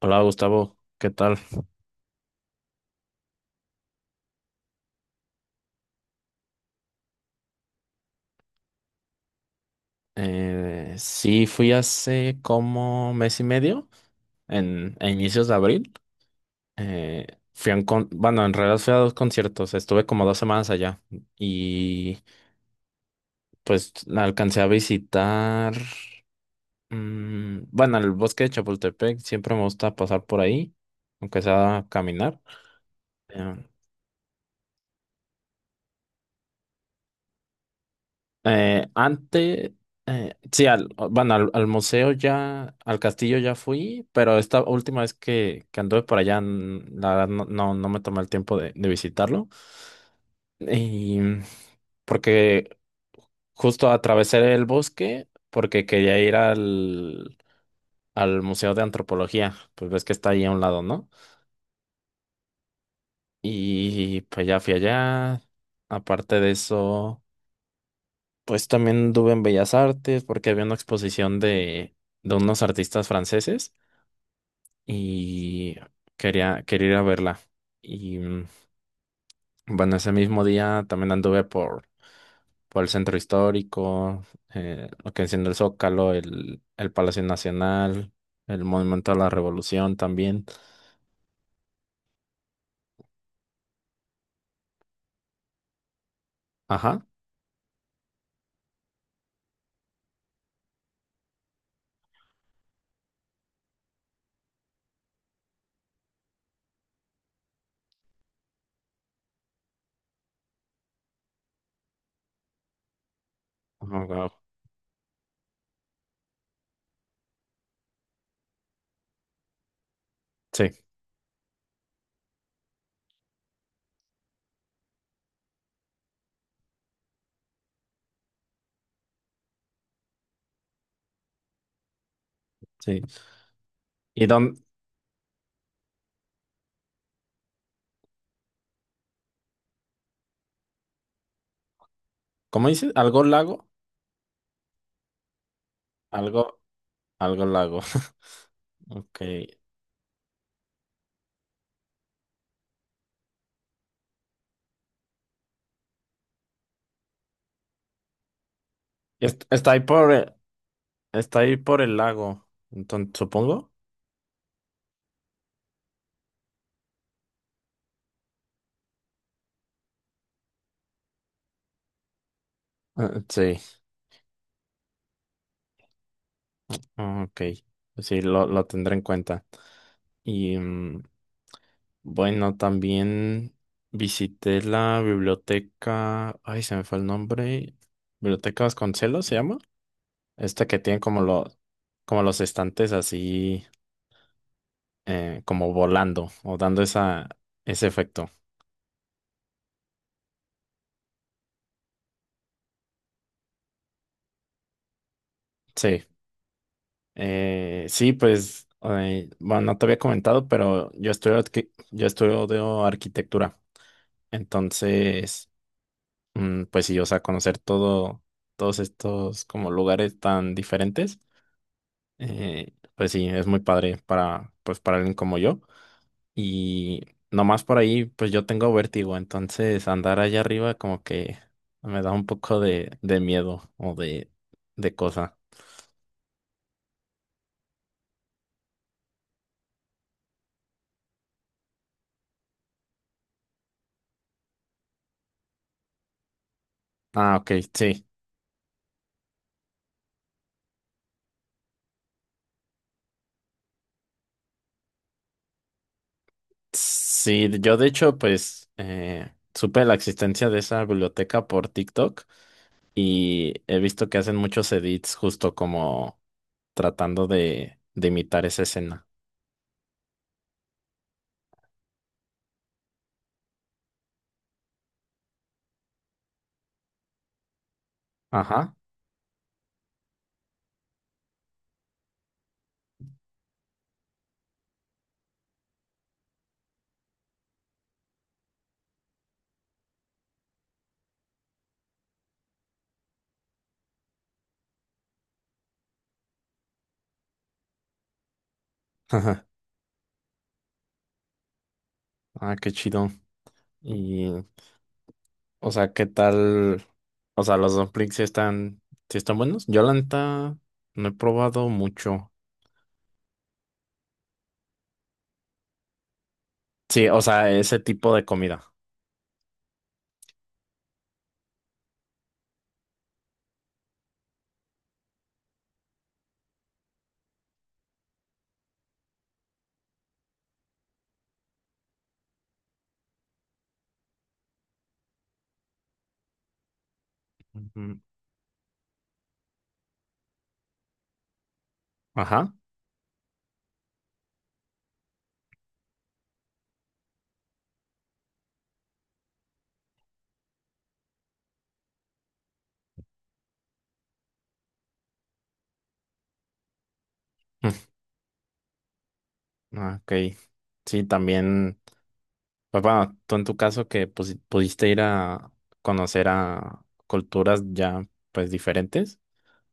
Hola Gustavo, ¿qué tal? Sí, fui hace como mes y medio, a inicios de abril. Eh, Fui a bueno, en realidad fui a dos conciertos, estuve como dos semanas allá y pues la alcancé a visitar, bueno, el bosque de Chapultepec, siempre me gusta pasar por ahí, aunque sea a caminar. eh, Eh, antes, sí, bueno, al museo ya, al castillo ya fui, pero esta última vez que anduve por allá, la verdad no me tomé el tiempo de visitarlo. Y porque justo atravesé el bosque porque quería ir al Museo de Antropología, pues ves que está ahí a un lado, ¿no? Y pues ya fui allá. Aparte de eso. Pues también anduve en Bellas Artes porque había una exposición de unos artistas franceses y quería ir a verla. Y mm, bueno, ese mismo día también anduve por el centro histórico, lo que enciende el Zócalo, el Palacio Nacional, el Monumento a la Revolución también. Ajá. Oh, wow. Sí, sí. ¿Y dónde? ¿Cómo dices? ¿Algo lago? Algo, algo lago. Ok. Est- Está ahí por, eh, Está ahí por el lago, entonces, supongo. Ah, sí. Ah, ok. Pues sí, lo tendré en cuenta. Y mm, bueno, también visité la biblioteca. Ay, se me fue el nombre. Biblioteca Vasconcelos se llama. Esta que tiene como como los estantes así, como volando o dando ese efecto. Sí. Bueno, no te había comentado, pero yo yo estudio arquitectura. Entonces, pues sí, o sea, conocer todo, todos estos como lugares tan diferentes, pues sí, es muy padre para, pues para alguien como yo. Y nomás por ahí, pues yo tengo vértigo, entonces andar allá arriba como que me da un poco de miedo o de cosa. Ah, ok, sí. Sí, yo de hecho, supe la existencia de esa biblioteca por TikTok. Y he visto que hacen muchos edits justo como tratando de imitar esa escena. Ajá. ajá. Ah, qué chido. Y, o sea, ¿qué tal? O sea, los dumplings sí están buenos. Yo la neta no he probado mucho. Sí, o sea, ese tipo de comida. Ujú. Ajá. Mm, ah, ok. Sí, también. Pues bueno, tú en tu caso que pues, pudiste ir a conocer a culturas ya pues diferentes,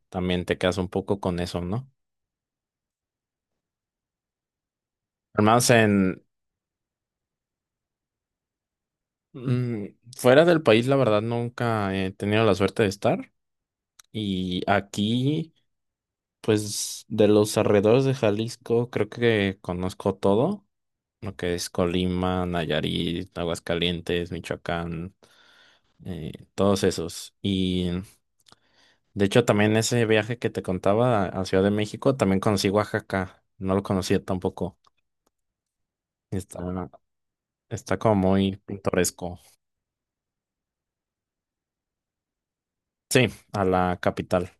también te quedas un poco con eso, ¿no? Al menos en, Mm, Fuera del país, la verdad, nunca he tenido la suerte de estar. Y aquí, pues, de los alrededores de Jalisco, creo que conozco todo, lo que es Colima, Nayarit, Aguascalientes, Michoacán, todos esos. Y de hecho, también ese viaje que te contaba a Ciudad de México, también conocí Oaxaca. No lo conocía tampoco. Está, Está como muy pintoresco. Sí, a la capital.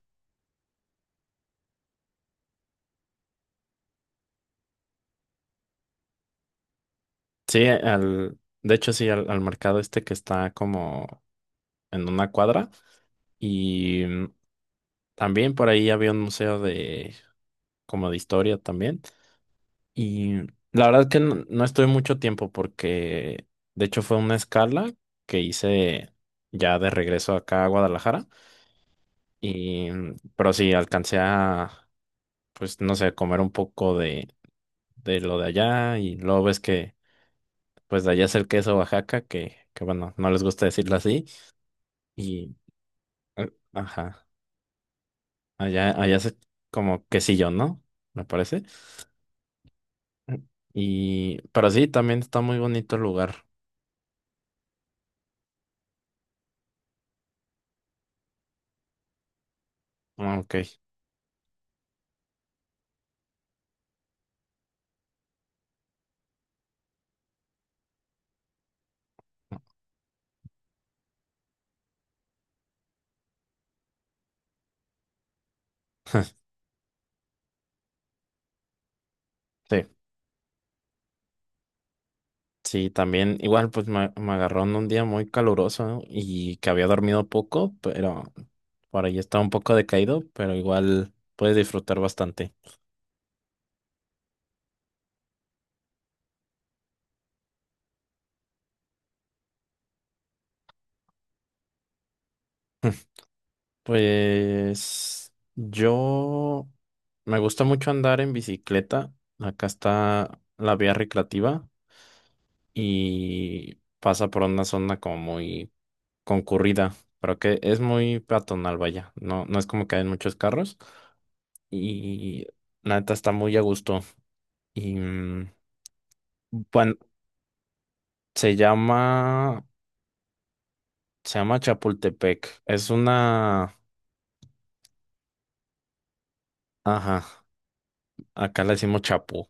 Sí, de hecho sí, al mercado este que está como en una cuadra y mm, también por ahí había un museo de como de historia también y la verdad que no, no estuve mucho tiempo porque de hecho fue una escala que hice ya de regreso acá a Guadalajara pero sí alcancé a pues no sé comer un poco de lo de allá y luego ves que pues de allá es el queso Oaxaca que bueno no les gusta decirlo así. Y eh, ajá. Allá es como quesillo, ¿no? Me parece. Mm. Y, pero sí, también está muy bonito el lugar. Ah, ok. Sí. Sí, también, igual, pues me agarró en un día muy caluroso, ¿no? Y que había dormido poco, pero por ahí estaba un poco decaído, pero igual puedes disfrutar bastante. Pues yo me gusta mucho andar en bicicleta. Acá está la vía recreativa y pasa por una zona como muy concurrida, pero que es muy peatonal, vaya. No, no es como que hay muchos carros y la neta está muy a gusto. Y mm, bueno, se llama, Se llama Chapultepec. Es una, ajá, acá le decimos Chapu,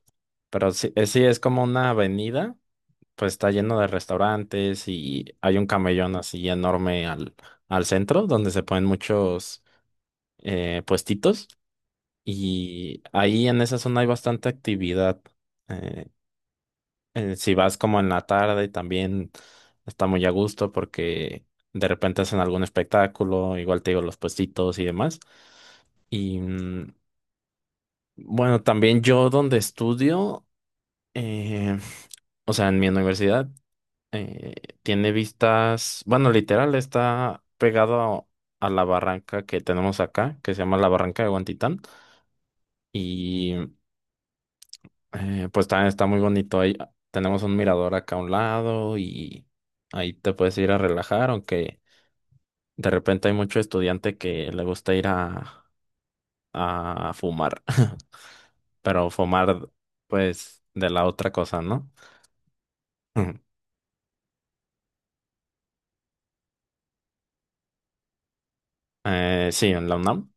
pero sí, sí es como una avenida. Pues está lleno de restaurantes y hay un camellón así enorme al centro donde se ponen muchos puestitos. Y ahí en esa zona hay bastante actividad. Eh, si vas como en la tarde, también está muy a gusto porque de repente hacen algún espectáculo, igual te digo los puestitos y demás. Y mm, bueno, también yo donde estudio, eh, o sea, en mi universidad, eh, tiene vistas, bueno, literal está pegado a la barranca que tenemos acá, que se llama la Barranca de Guantitán. Y eh, pues también está muy bonito. Ahí tenemos un mirador acá a un lado y ahí te puedes ir a relajar, aunque de repente hay mucho estudiante que le gusta ir a fumar, pero fumar pues de la otra cosa, ¿no? Sí, en la UNAM.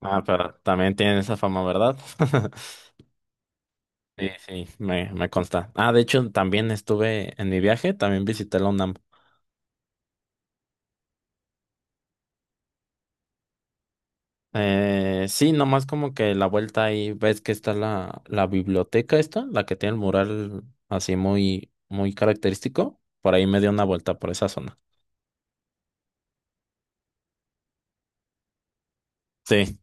Ah, pero también tienen esa fama, ¿verdad? Sí, sí, me consta. Ah, de hecho, también estuve en mi viaje, también visité la UNAM. Sí, nomás como que la vuelta ahí ves que está la biblioteca esta, la que tiene el mural así muy, muy característico. Por ahí me dio una vuelta por esa zona. Sí,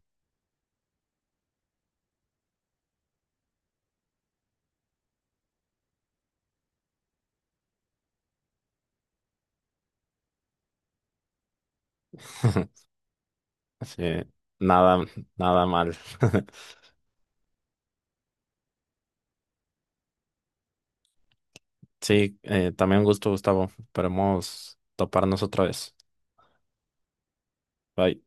sí, nada, nada mal. Sí, también un gusto, Gustavo. Esperemos toparnos otra vez. Bye.